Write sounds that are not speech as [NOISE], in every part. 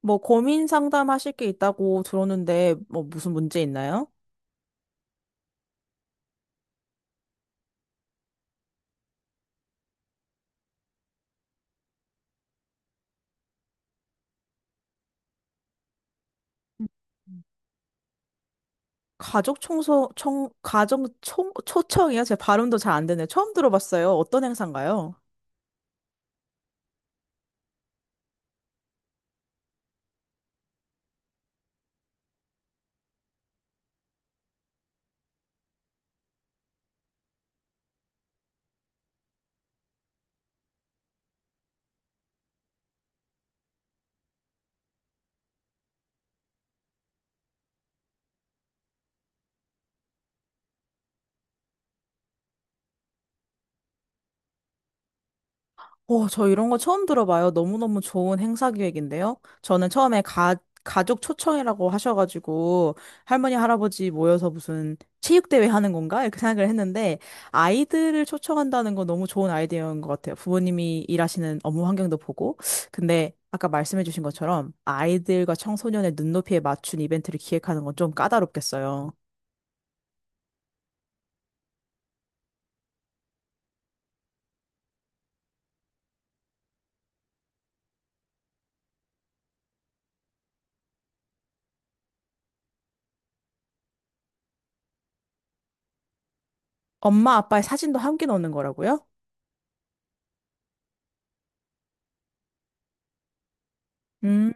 뭐 고민 상담하실 게 있다고 들었는데 뭐 무슨 문제 있나요? 가족 청소 청 가정 총 초청이요? 제 발음도 잘 안 되네. 처음 들어봤어요. 어떤 행사인가요? 오, 저 이런 거 처음 들어봐요. 너무너무 좋은 행사 기획인데요. 저는 처음에 가족 초청이라고 하셔가지고 할머니, 할아버지 모여서 무슨 체육대회 하는 건가? 이렇게 생각을 했는데 아이들을 초청한다는 건 너무 좋은 아이디어인 것 같아요. 부모님이 일하시는 업무 환경도 보고. 근데 아까 말씀해주신 것처럼 아이들과 청소년의 눈높이에 맞춘 이벤트를 기획하는 건 좀 까다롭겠어요. 엄마, 아빠의 사진도 함께 넣는 거라고요? 음.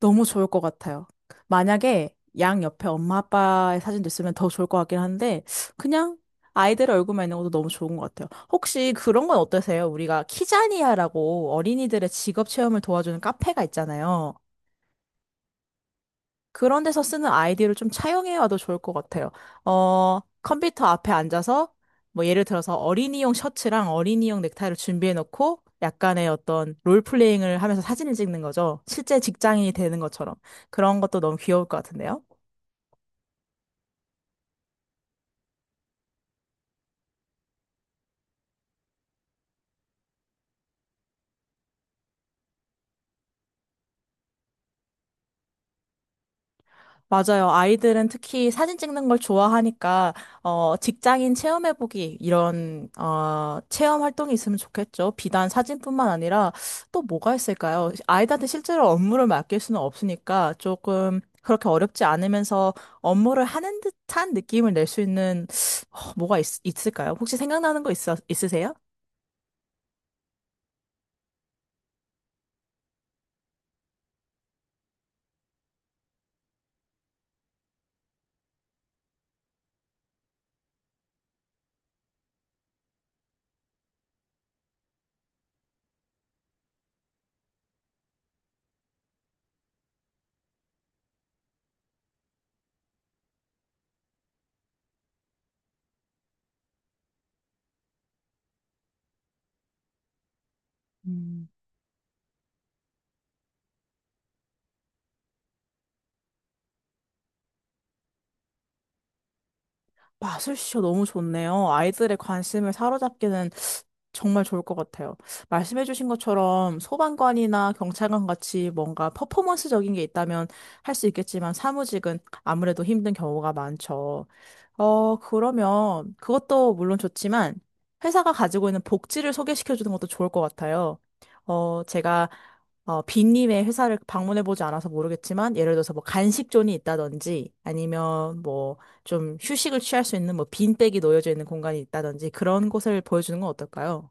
너무 좋을 것 같아요. 만약에 양 옆에 엄마 아빠의 사진도 있으면 더 좋을 것 같긴 한데 그냥 아이들 얼굴만 있는 것도 너무 좋은 것 같아요. 혹시 그런 건 어떠세요? 우리가 키자니아라고 어린이들의 직업 체험을 도와주는 카페가 있잖아요. 그런 데서 쓰는 아이디어를 좀 차용해 와도 좋을 것 같아요. 컴퓨터 앞에 앉아서 뭐 예를 들어서 어린이용 셔츠랑 어린이용 넥타이를 준비해 놓고 약간의 어떤 롤플레잉을 하면서 사진을 찍는 거죠. 실제 직장인이 되는 것처럼. 그런 것도 너무 귀여울 것 같은데요. 맞아요. 아이들은 특히 사진 찍는 걸 좋아하니까, 직장인 체험해보기, 이런, 체험 활동이 있으면 좋겠죠. 비단 사진뿐만 아니라 또 뭐가 있을까요? 아이들한테 실제로 업무를 맡길 수는 없으니까 조금 그렇게 어렵지 않으면서 업무를 하는 듯한 느낌을 낼 수 있는, 어, 있을까요? 혹시 있으세요? 음. 마술쇼 너무 좋네요. 아이들의 관심을 사로잡기는 정말 좋을 것 같아요. 말씀해주신 것처럼 소방관이나 경찰관 같이 뭔가 퍼포먼스적인 게 있다면 할 수 있겠지만 사무직은 아무래도 힘든 경우가 많죠. 그러면 그것도 물론 좋지만 회사가 가지고 있는 복지를 소개시켜주는 것도 좋을 것 같아요. 어, 제가 빈님의 회사를 방문해보지 않아서 모르겠지만, 예를 들어서 뭐 간식존이 있다든지, 아니면 뭐 좀 휴식을 취할 수 있는 뭐 빈백이 놓여져 있는 공간이 있다든지 그런 곳을 보여주는 건 어떨까요?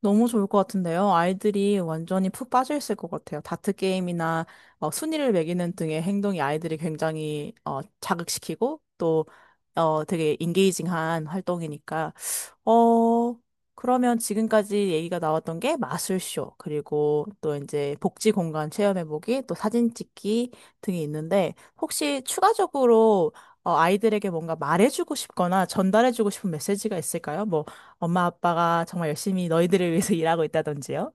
너무 좋을 것 같은데요. 아이들이 완전히 푹 빠져 있을 것 같아요. 다트 게임이나 순위를 매기는 등의 행동이 아이들이 굉장히 자극시키고 또 되게 인게이징한 활동이니까. 어, 그러면 지금까지 얘기가 나왔던 게 마술쇼, 그리고 또 이제 복지 공간 체험해보기, 또 사진 찍기 등이 있는데 혹시 추가적으로 아이들에게 뭔가 말해주고 싶거나 전달해주고 싶은 메시지가 있을까요? 뭐 엄마 아빠가 정말 열심히 너희들을 위해서 [LAUGHS] 일하고 있다든지요.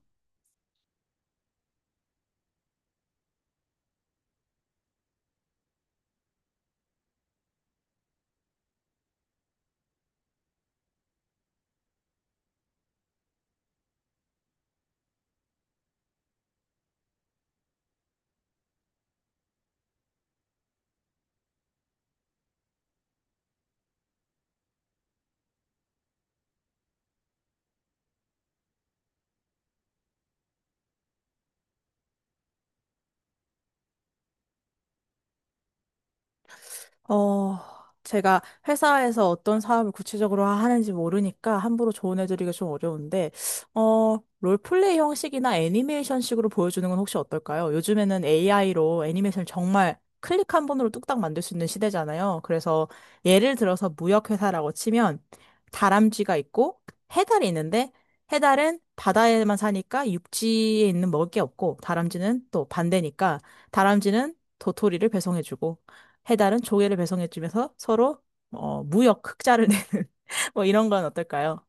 어, 제가 회사에서 어떤 사업을 구체적으로 하는지 모르니까 함부로 조언해드리기가 좀 어려운데, 롤플레이 형식이나 애니메이션식으로 보여주는 건 혹시 어떨까요? 요즘에는 AI로 애니메이션을 정말 클릭 한 번으로 뚝딱 만들 수 있는 시대잖아요. 그래서 예를 들어서 무역회사라고 치면 다람쥐가 있고 해달이 있는데 해달은 바다에만 사니까 육지에 있는 먹을 게 없고 다람쥐는 또 반대니까 다람쥐는 도토리를 배송해주고 해달은 조개를 배송해주면서 서로 무역 흑자를 [LAUGHS] 내는 뭐 이런 건 어떨까요?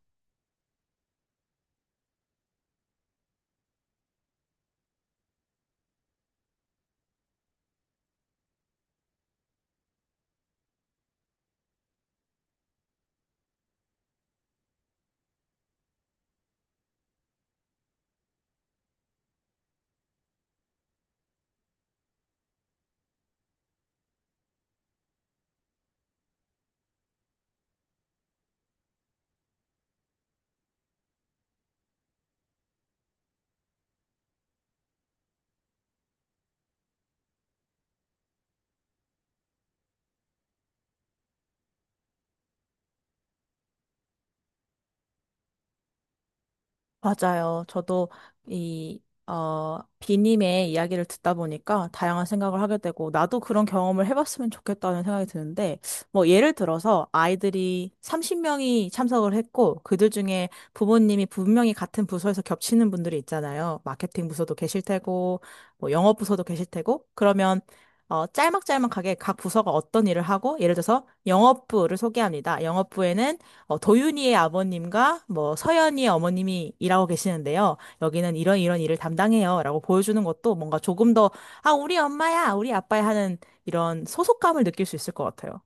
맞아요. 저도 이, 비님의 이야기를 듣다 보니까 다양한 생각을 하게 되고, 나도 그런 경험을 해봤으면 좋겠다는 생각이 드는데, 뭐, 예를 들어서 아이들이 30명이 참석을 했고, 그들 중에 부모님이 분명히 같은 부서에서 겹치는 분들이 있잖아요. 마케팅 부서도 계실 테고, 뭐, 영업 부서도 계실 테고, 그러면 짤막짤막하게 각 부서가 어떤 일을 하고, 예를 들어서 영업부를 소개합니다. 영업부에는 도윤이의 아버님과 뭐 서연이의 어머님이 일하고 계시는데요. 여기는 이런 이런 일을 담당해요. 라고 보여주는 것도 뭔가 조금 더, 아, 우리 엄마야, 우리 아빠야 하는 이런 소속감을 느낄 수 있을 것 같아요.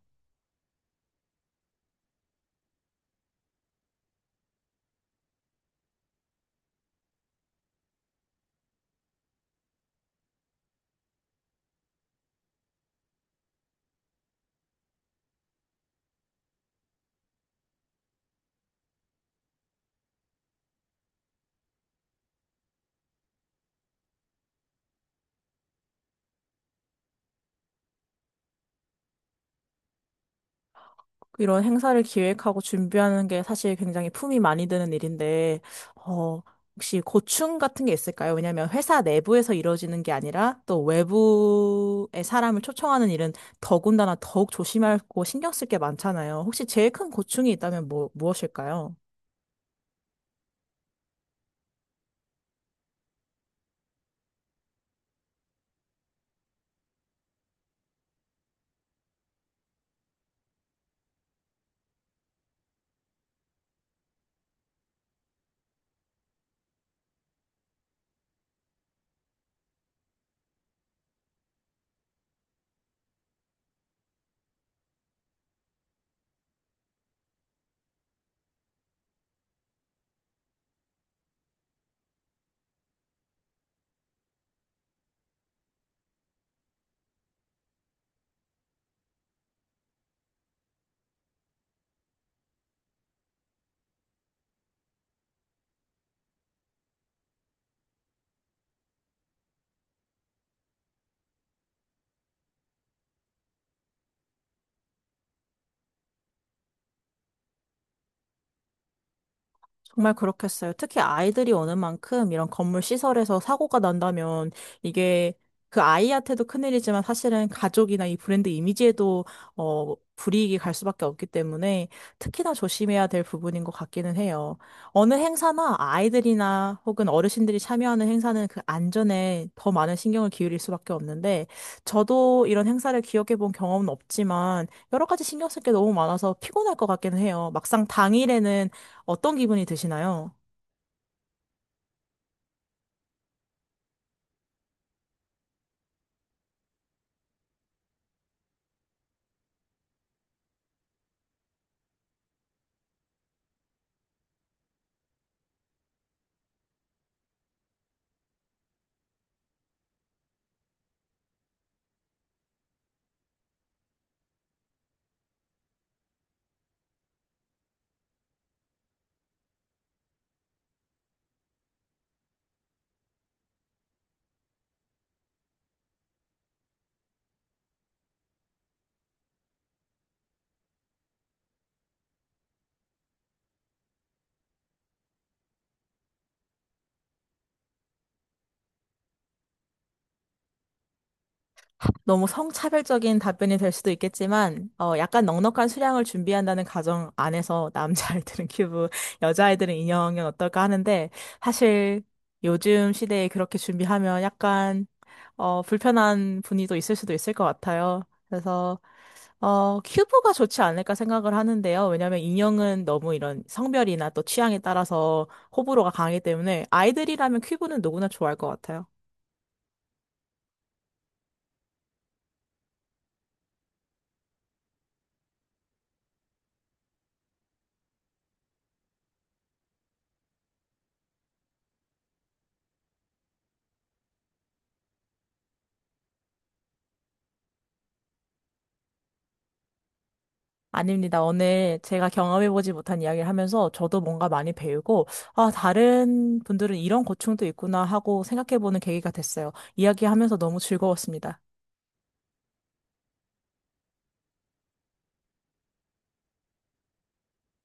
이런 행사를 기획하고 준비하는 게 사실 굉장히 품이 많이 드는 일인데, 어, 혹시 고충 같은 게 있을까요? 왜냐하면 회사 내부에서 이루어지는 게 아니라 또 외부의 사람을 초청하는 일은 더군다나 더욱 조심하고 신경 쓸 게 많잖아요. 혹시 제일 큰 고충이 있다면 뭐, 무엇일까요? 정말 그렇겠어요. 특히 아이들이 오는 만큼 이런 건물 시설에서 사고가 난다면 이게 그 아이한테도 큰일이지만 사실은 가족이나 이 브랜드 이미지에도 불이익이 갈 수밖에 없기 때문에 특히나 조심해야 될 부분인 것 같기는 해요. 어느 행사나 아이들이나 혹은 어르신들이 참여하는 행사는 그 안전에 더 많은 신경을 기울일 수밖에 없는데 저도 이런 행사를 기억해 본 경험은 없지만 여러 가지 신경 쓸 게 너무 많아서 피곤할 것 같기는 해요. 막상 당일에는 어떤 기분이 드시나요? 너무 성차별적인 답변이 될 수도 있겠지만, 약간 넉넉한 수량을 준비한다는 가정 안에서 남자아이들은 [LAUGHS] 큐브, 여자아이들은 인형은 어떨까 하는데, 사실 요즘 시대에 그렇게 준비하면 약간, 불편한 분위기도 있을 수도 있을 것 같아요. 그래서, 큐브가 좋지 않을까 생각을 하는데요. 왜냐면 인형은 너무 이런 성별이나 또 취향에 따라서 호불호가 강하기 때문에 아이들이라면 큐브는 누구나 좋아할 것 같아요. 아닙니다. 오늘 제가 경험해보지 못한 이야기를 하면서 저도 뭔가 많이 배우고, 아, 다른 분들은 이런 고충도 있구나 하고 생각해보는 계기가 됐어요. 이야기하면서 너무 즐거웠습니다.